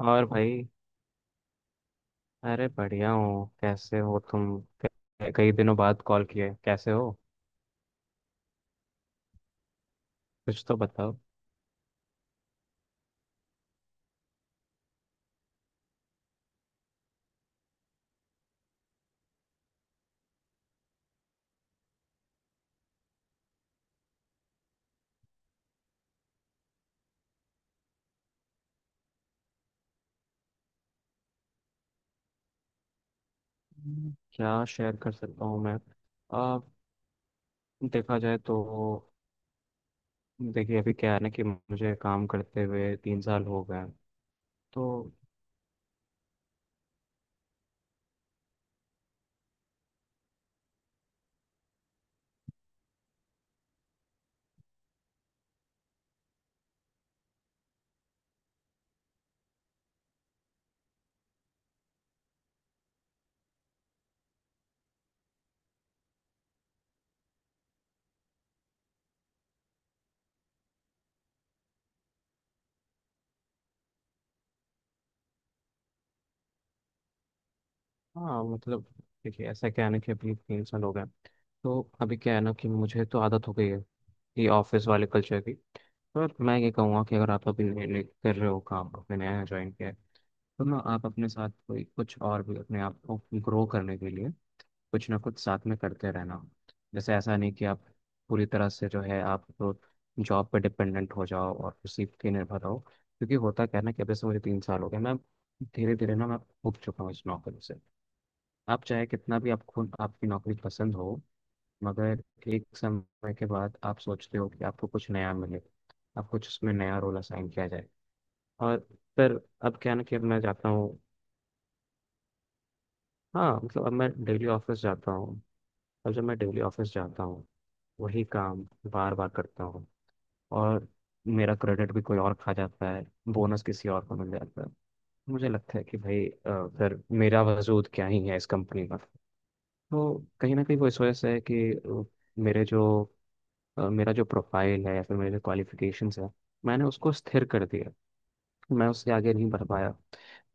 और भाई। अरे, बढ़िया हूँ। कैसे हो तुम? कई दिनों बाद कॉल किए, कैसे हो? कुछ तो बताओ। क्या शेयर कर सकता हूँ मैं? आ, देखा जाए तो देखिए, अभी क्या है ना कि मुझे काम करते हुए तीन साल हो गए हैं। तो हाँ मतलब, देखिए ऐसा क्या है ना कि अभी तीन साल हो गए हैं। तो अभी क्या है ना कि मुझे तो आदत हो गई है ये ऑफिस वाले कल्चर की। पर मैं ये कहूँगा कि अगर आप अभी नए नए कर रहे हो काम, अपने नया ज्वाइन किया है, तो ना आप अपने साथ कोई कुछ और भी अपने आप को ग्रो करने के लिए कुछ ना कुछ साथ में करते रहना। जैसे ऐसा नहीं कि आप पूरी तरह से जो है आप तो जॉब पे डिपेंडेंट हो जाओ और उसी पे निर्भर रहो, क्योंकि होता क्या है ना कि अब जैसे मुझे तीन साल हो गए, मैं धीरे धीरे ना, मैं उब चुका हूँ इस नौकरी से। आप चाहे कितना भी आपको आपकी नौकरी पसंद हो, मगर एक समय के बाद आप सोचते हो कि आपको कुछ नया मिले, आप कुछ उसमें नया रोल असाइन किया जाए। और फिर अब क्या है ना कि अब मैं जाता हूँ। हाँ मतलब, अब मैं डेली ऑफिस जाता हूँ। अब जब मैं डेली ऑफिस जाता हूँ, वही काम बार बार करता हूँ। और मेरा क्रेडिट भी कोई और खा जाता है, बोनस किसी और को मिल जाता है। मुझे लगता है कि भाई, फिर मेरा वजूद क्या ही है इस कंपनी का। तो कहीं ना कहीं वो इस वजह से है कि मेरे जो मेरा जो प्रोफाइल है या फिर मेरे जो क्वालिफिकेशंस है, मैंने उसको स्थिर कर दिया, मैं उससे आगे नहीं बढ़ पाया।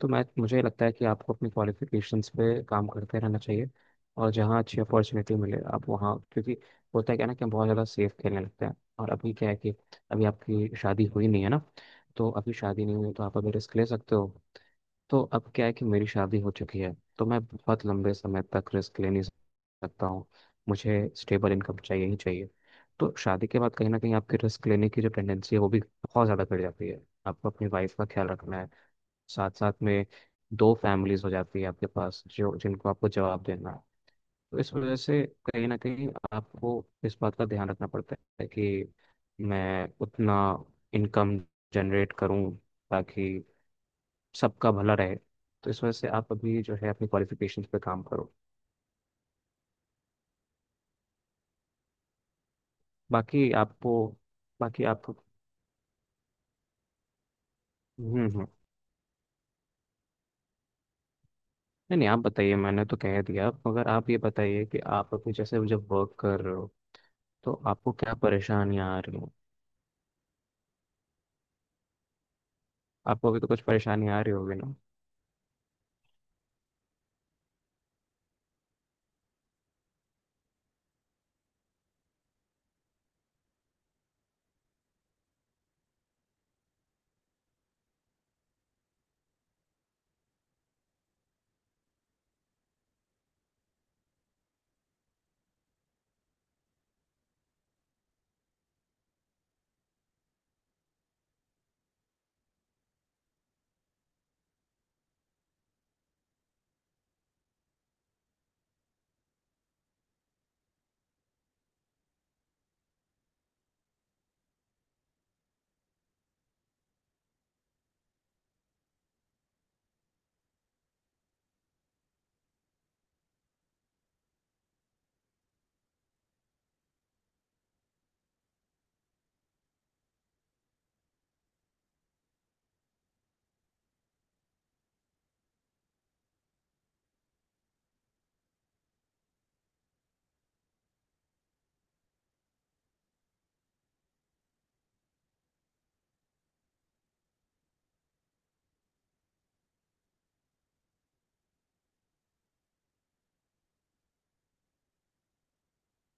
तो मैं मुझे लगता है कि आपको अपनी क्वालिफिकेशंस पे काम करते रहना चाहिए और जहाँ अच्छी अपॉर्चुनिटी मिले आप वहाँ, क्योंकि होता है क्या ना कि हम बहुत ज़्यादा सेफ खेलने लगते हैं। और अभी क्या है कि अभी आपकी शादी हुई नहीं है ना? तो अभी शादी नहीं हुई तो आप अभी रिस्क ले सकते हो। तो अब क्या है कि मेरी शादी हो चुकी है, तो मैं बहुत लंबे समय तक रिस्क ले नहीं सकता हूँ, मुझे स्टेबल इनकम चाहिए ही चाहिए। तो शादी के बाद कहीं ना कहीं आपकी रिस्क लेने की जो टेंडेंसी है वो भी बहुत ज़्यादा बढ़ जाती है। आपको अपनी वाइफ का ख्याल रखना है, साथ साथ में दो फैमिलीज हो जाती है आपके पास, जो जिनको आपको जवाब देना है। तो इस वजह से कहीं ना कहीं आपको इस बात का ध्यान रखना पड़ता है कि मैं उतना इनकम जनरेट करूं ताकि सबका भला रहे। तो इस वजह से आप अभी जो है अपनी क्वालिफिकेशन पे काम करो। बाकी आपको बाकी आप। हम्म, हम्म। नहीं, नहीं, आप बताइए, मैंने तो कह दिया मगर आप ये बताइए कि आप अभी जैसे जब वर्क कर रहे हो तो आपको क्या परेशानियाँ आ रही हो? आपको अभी तो कुछ परेशानी आ रही होगी ना?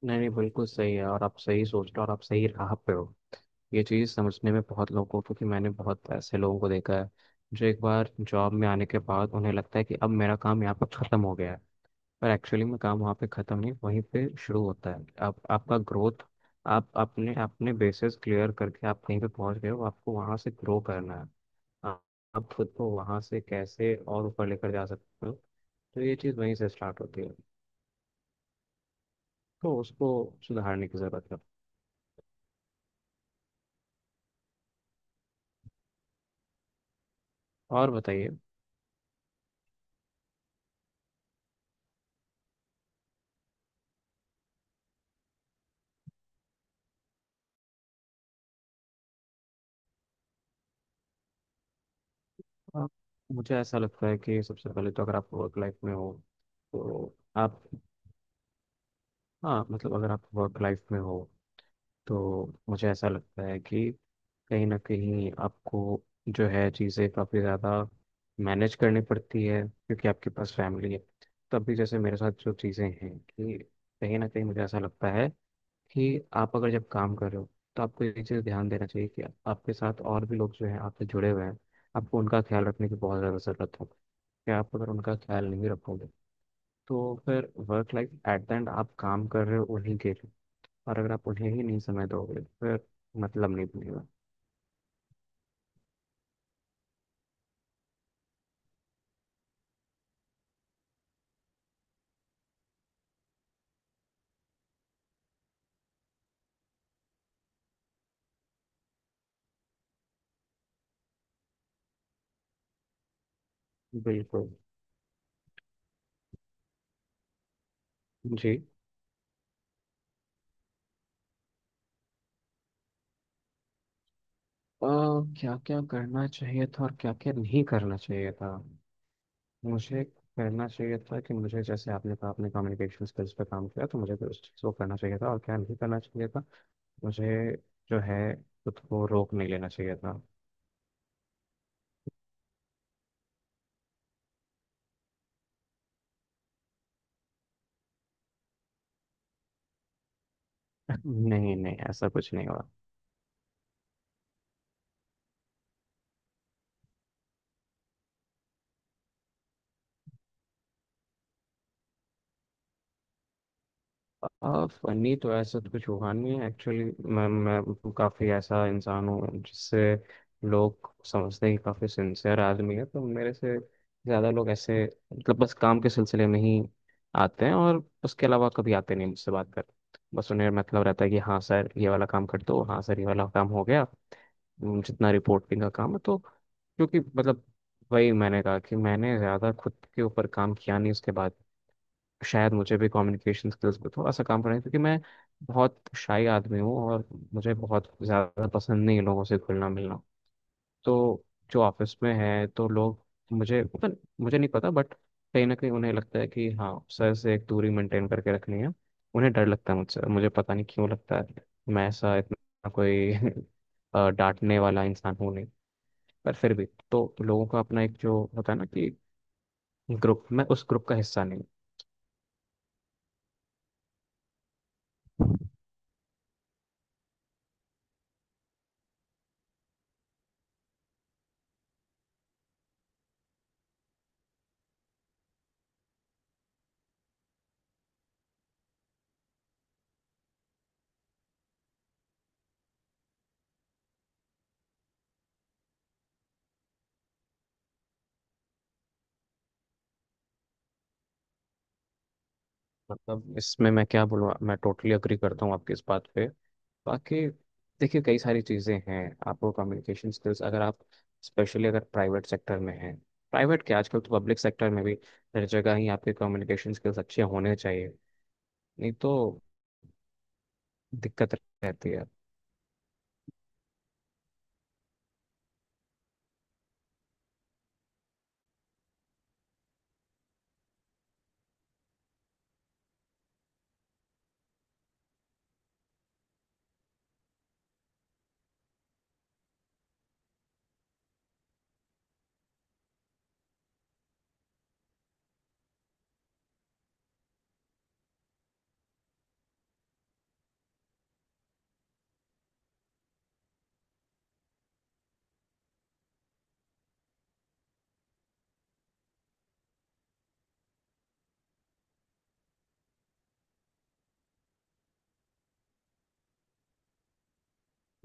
नहीं, नहीं, बिल्कुल सही है और आप सही सोच रहे हो और आप सही राह पे हो। ये चीज़ समझने में बहुत लोगों को, क्योंकि मैंने बहुत ऐसे लोगों को देखा है जो एक बार जॉब में आने के बाद उन्हें लगता है कि अब मेरा काम यहाँ पर ख़त्म हो गया है। पर एक्चुअली में काम वहाँ पे ख़त्म नहीं, वहीं पे शुरू होता है आप आपका ग्रोथ। आप अपने अपने बेसिस क्लियर करके आप कहीं पे पहुँच गए हो, आपको वहाँ से ग्रो करना है। आ- आप खुद को वहाँ से कैसे और ऊपर लेकर जा सकते हो। तो ये चीज़ वहीं से स्टार्ट होती है, तो उसको सुधारने की ज़रूरत है। और बताइए। आप- मुझे ऐसा लगता है कि सबसे पहले तो अगर आप वर्क लाइफ में हो तो आप हाँ मतलब, अगर आप वर्क लाइफ में हो तो मुझे ऐसा लगता है कि कहीं ना कहीं आपको जो है चीज़ें काफ़ी ज़्यादा मैनेज करनी पड़ती है, क्योंकि आपके पास फैमिली है। तब भी जैसे मेरे साथ जो चीज़ें हैं कि कहीं ना कहीं मुझे ऐसा लगता है कि आप अगर जब काम कर रहे हो तो आपको ये चीज़ ध्यान देना चाहिए कि आपके साथ और भी लोग जो हैं आपसे जुड़े हुए हैं, आपको उनका ख्याल रखने की बहुत ज़्यादा ज़रूरत है। कि आप अगर उनका ख्याल नहीं रखोगे तो फिर work life at the end आप काम कर रहे हो उन्हीं के लिए, और अगर आप उन्हें ही नहीं समय दोगे तो फिर मतलब नहीं बनेगा। बिल्कुल। जी। क्या क्या करना चाहिए था और क्या क्या नहीं करना चाहिए था। मुझे करना चाहिए था कि मुझे, जैसे आपने कहा, आपने कम्युनिकेशन स्किल्स पे काम किया, तो मुझे उस चीज़ को करना चाहिए था। और क्या नहीं करना चाहिए था, मुझे जो है खुद को रोक नहीं लेना चाहिए था। नहीं, नहीं, ऐसा कुछ नहीं हुआ। फनी तो ऐसा तो कुछ हुआ नहीं है एक्चुअली। मैं काफ़ी ऐसा इंसान हूँ जिससे लोग समझते हैं कि काफ़ी सिंसियर आदमी है, तो मेरे से ज़्यादा लोग ऐसे मतलब बस काम के सिलसिले में ही आते हैं और उसके अलावा कभी आते नहीं मुझसे बात कर। बस उन्हें मतलब रहता है कि हाँ सर ये वाला काम कर दो, हाँ सर ये वाला काम हो गया। जितना रिपोर्टिंग का काम है, तो क्योंकि मतलब वही मैंने कहा कि मैंने ज़्यादा खुद के ऊपर काम किया नहीं। उसके बाद शायद मुझे भी कम्युनिकेशन स्किल्स पे थोड़ा सा काम करना है, क्योंकि मैं बहुत शाई आदमी हूँ और मुझे बहुत ज़्यादा पसंद नहीं है लोगों से घुलना मिलना। तो जो ऑफिस में है तो लोग मुझे, मतलब मुझे नहीं पता, बट कहीं ना कहीं उन्हें लगता है कि हाँ सर से एक दूरी मेंटेन करके रखनी है। उन्हें डर लगता है मुझसे और मुझे पता नहीं क्यों लगता है, मैं ऐसा इतना कोई डांटने वाला इंसान हूँ नहीं। पर फिर भी तो लोगों का अपना एक जो होता है ना कि ग्रुप, मैं उस ग्रुप का हिस्सा नहीं हूँ। मतलब इसमें मैं क्या बोलूँ, मैं टोटली अग्री करता हूँ आपकी इस बात पे। बाकी देखिए, कई सारी चीज़ें हैं, आपको कम्युनिकेशन स्किल्स अगर आप, स्पेशली अगर प्राइवेट सेक्टर में हैं, प्राइवेट क्या आजकल तो पब्लिक सेक्टर में भी, हर जगह ही आपके कम्युनिकेशन स्किल्स अच्छे होने चाहिए, नहीं तो दिक्कत रहती है।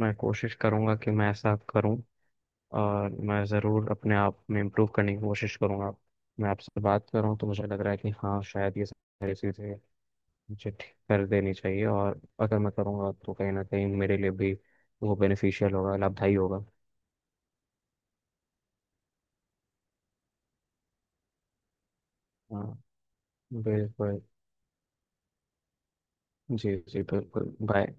मैं कोशिश करूँगा कि मैं ऐसा करूँ और मैं ज़रूर अपने आप में इम्प्रूव करने की कोशिश करूँगा। मैं आपसे बात कर रहा हूँ तो मुझे लग रहा है कि हाँ शायद ये सारी चीज़ें मुझे ठीक कर देनी चाहिए, और अगर मैं करूँगा तो कहीं ना कहीं मेरे लिए भी वो बेनिफिशियल होगा, लाभदायी होगा। हाँ, बिल्कुल। जी, जी, बिल्कुल, बाय।